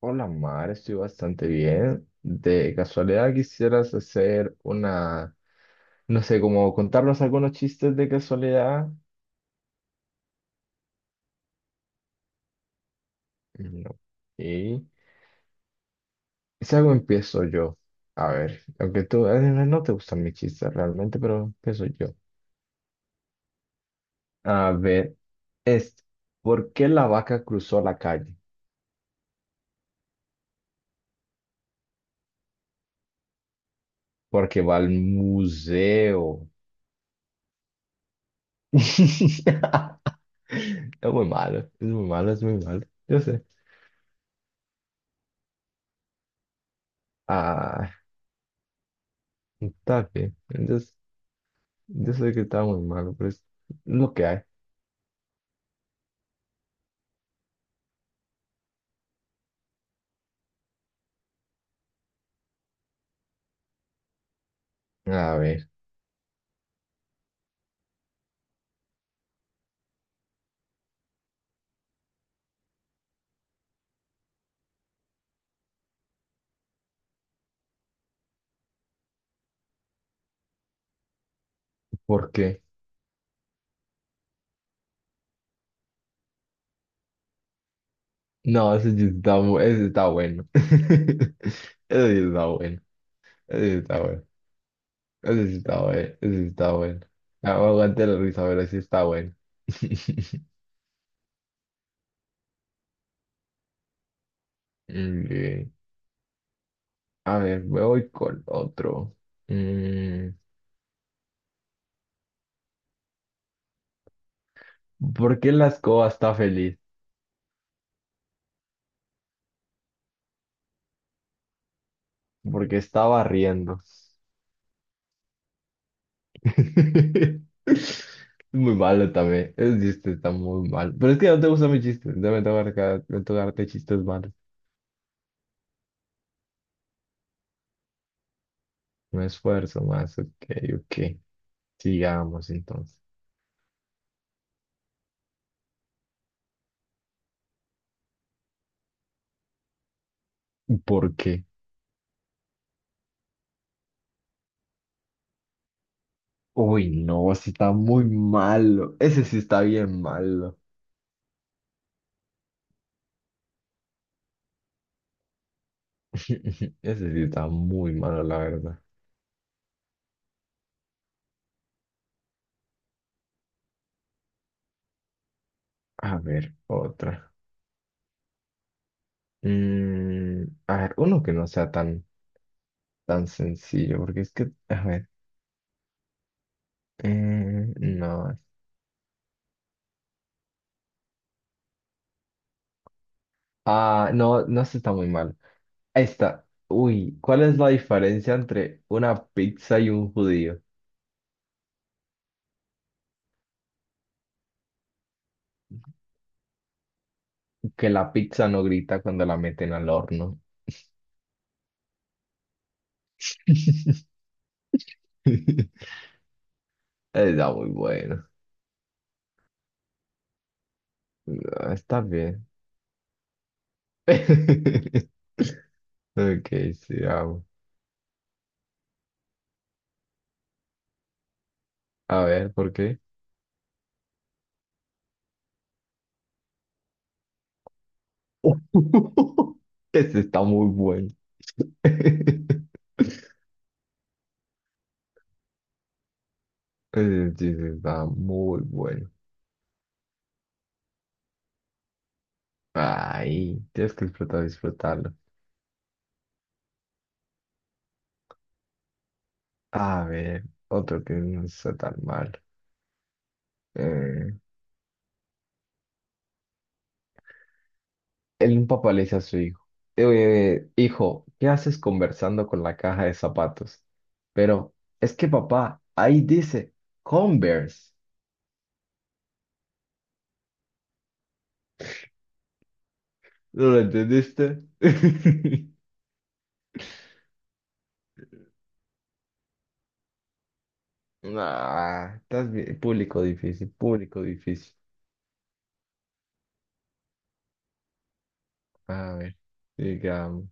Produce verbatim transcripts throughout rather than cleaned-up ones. Hola Mar, estoy bastante bien. De casualidad quisieras hacer una, no sé, como contarnos algunos chistes de casualidad. Mm, no. Y si algo empiezo yo. A ver, aunque tú eh, no no te gustan mis chistes realmente, pero empiezo yo. A ver, este, ¿por qué la vaca cruzó la calle? Porque va al museo. Es muy malo, es muy malo, es muy malo. Yo sé. Ah, está bien. Entonces. Yo sé que estaba muy malo, pero es lo que hay. A ver, ¿por qué? No, ese sí está, bu- ese sí está bueno. Ese sí está bueno. Ese sí está bueno. Ese sí está bueno. Ese sí está bueno. Ah, aguante la risa, pero sí está bueno. Ok. A ver, me voy con otro. Mm, ¿por qué la escoba está feliz? Porque está barriendo. Es muy malo también. Ese chiste está muy mal. Pero es que no te gustan mis chistes. Ya me toca dar- me toca darte chistes malos. Me esfuerzo más. Ok, ok. Sigamos entonces. ¿Por qué? Uy, no, ese está muy malo. Ese sí está bien malo. Ese sí está muy malo, la verdad. A ver, otra. Mm, a ver, uno que no sea tan, tan sencillo, porque es que, a ver. Eh, no. Ah, no, no, ese está muy malo. Ahí está. Uy, ¿cuál es la diferencia entre una pizza y un judío? Que la pizza no grita cuando la meten al horno. Está muy bueno. Ah, está bien. Ok, sí, vamos. A ver, ¿por qué? Ese está muy bueno. Ese chiste está muy bueno. Ay, tienes que disfrutar, disfrutarlo. A ver, otro que no está tan mal. El papá le dice a su hijo, "Eh, hijo, ¿qué haces conversando con la caja de zapatos? Pero es que papá, ahí dice Converse. ¿No lo entendiste? Ah, estás bien. Público difícil, público difícil. A ver, digamos,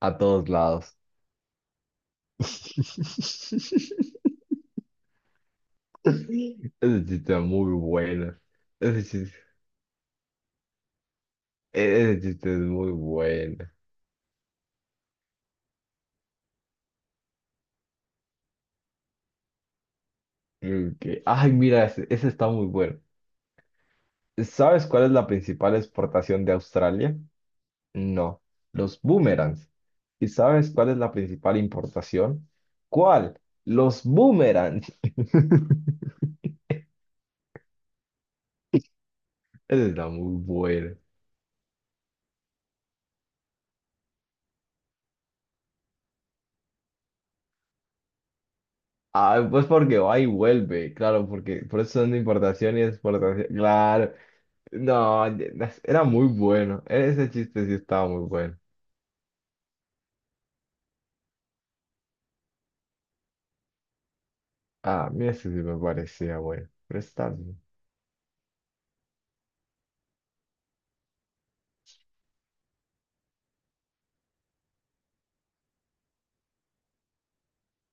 a todos lados. Ese chiste es muy bueno. Ese chiste, ese chiste es muy bueno. Ok. Ay, mira, ese, ese está muy bueno. ¿Sabes cuál es la principal exportación de Australia? No, los boomerangs. ¿Y sabes cuál es la principal importación? ¿Cuál? Los boomerangs. Esa está muy buena. Ah, pues porque va y vuelve, claro, porque por eso son de importación y exportación. Claro. No, era muy bueno. e, Ese chiste sí estaba muy bueno. Ah, mira, ese sí me parecía bueno. Pero está bien.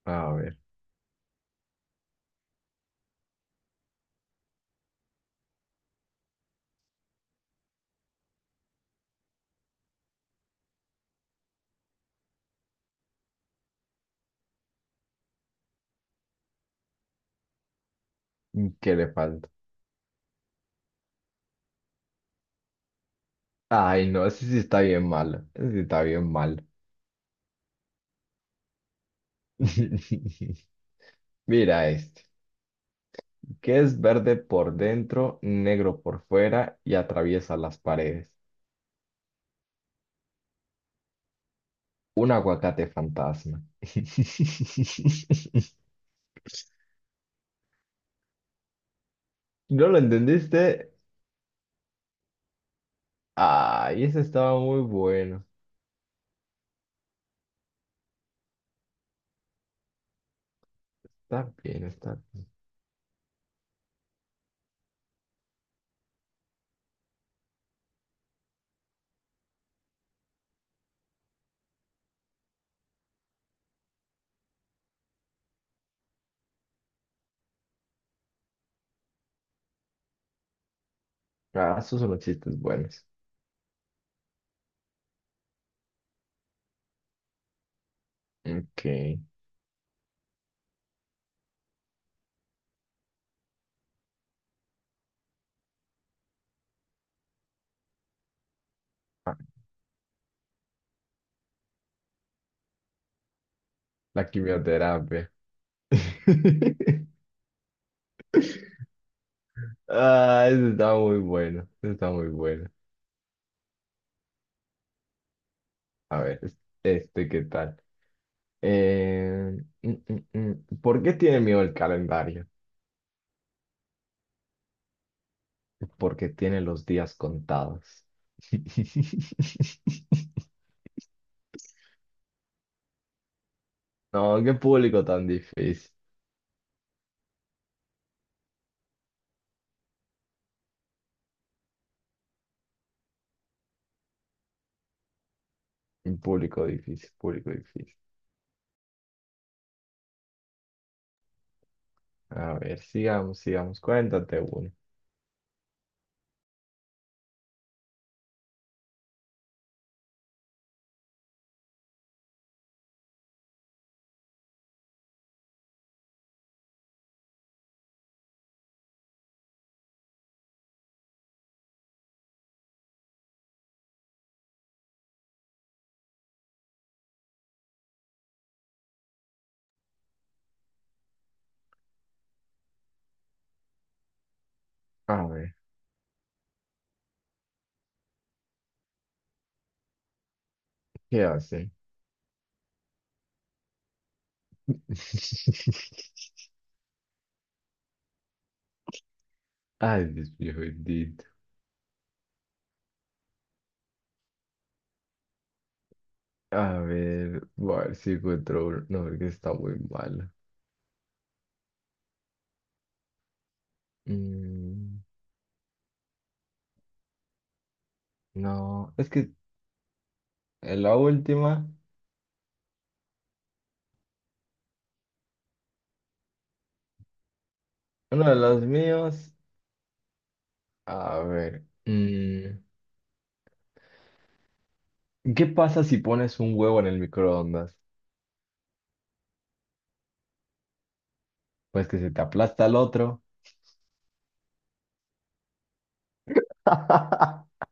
A ver, ¿qué le falta? Ay, no, ese sí está bien malo. Ese sí está bien malo. Mira este, que es verde por dentro, negro por fuera y atraviesa las paredes. Un aguacate fantasma. ¿No lo entendiste? Ay, ese estaba muy bueno. Está bien, está bien. Ah, esos son los chistes buenos. Ok. Ah, la quimioterapia. Ah, ese está muy bueno. Ese está muy bueno. A ver, es- este, ¿qué tal? Eh, mm, mm, mm. ¿Por qué tiene miedo el calendario? Porque tiene los días contados. No, qué público tan difícil. Un público difícil, público difícil. A ver, sigamos, sigamos. Cuéntate uno. A ver, ¿qué hace? Ay, Dios mío, bendito. A ver, voy a ver si encuentro uno. No, porque está muy malo. Mm, no, es que en la última, uno de los míos. A ver, mm, ¿qué pasa si pones un huevo en el microondas? Pues que se te aplasta el otro.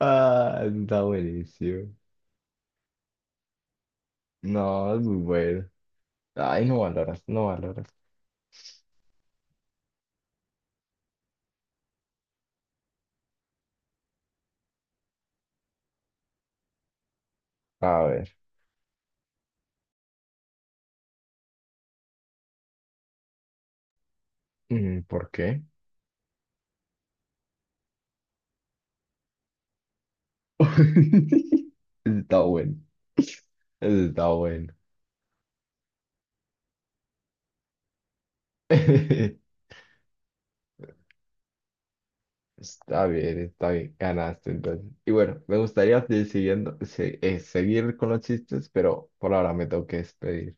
Ah, está buenísimo. No, es muy bueno. Ay, no valoras, no valoras. A ver, mm, ¿por qué? Está bueno, está bueno. Está bien, está bien, ganaste entonces. Y bueno, me gustaría seguir, siguiendo- se- eh, seguir con los chistes, pero por ahora me tengo que despedir.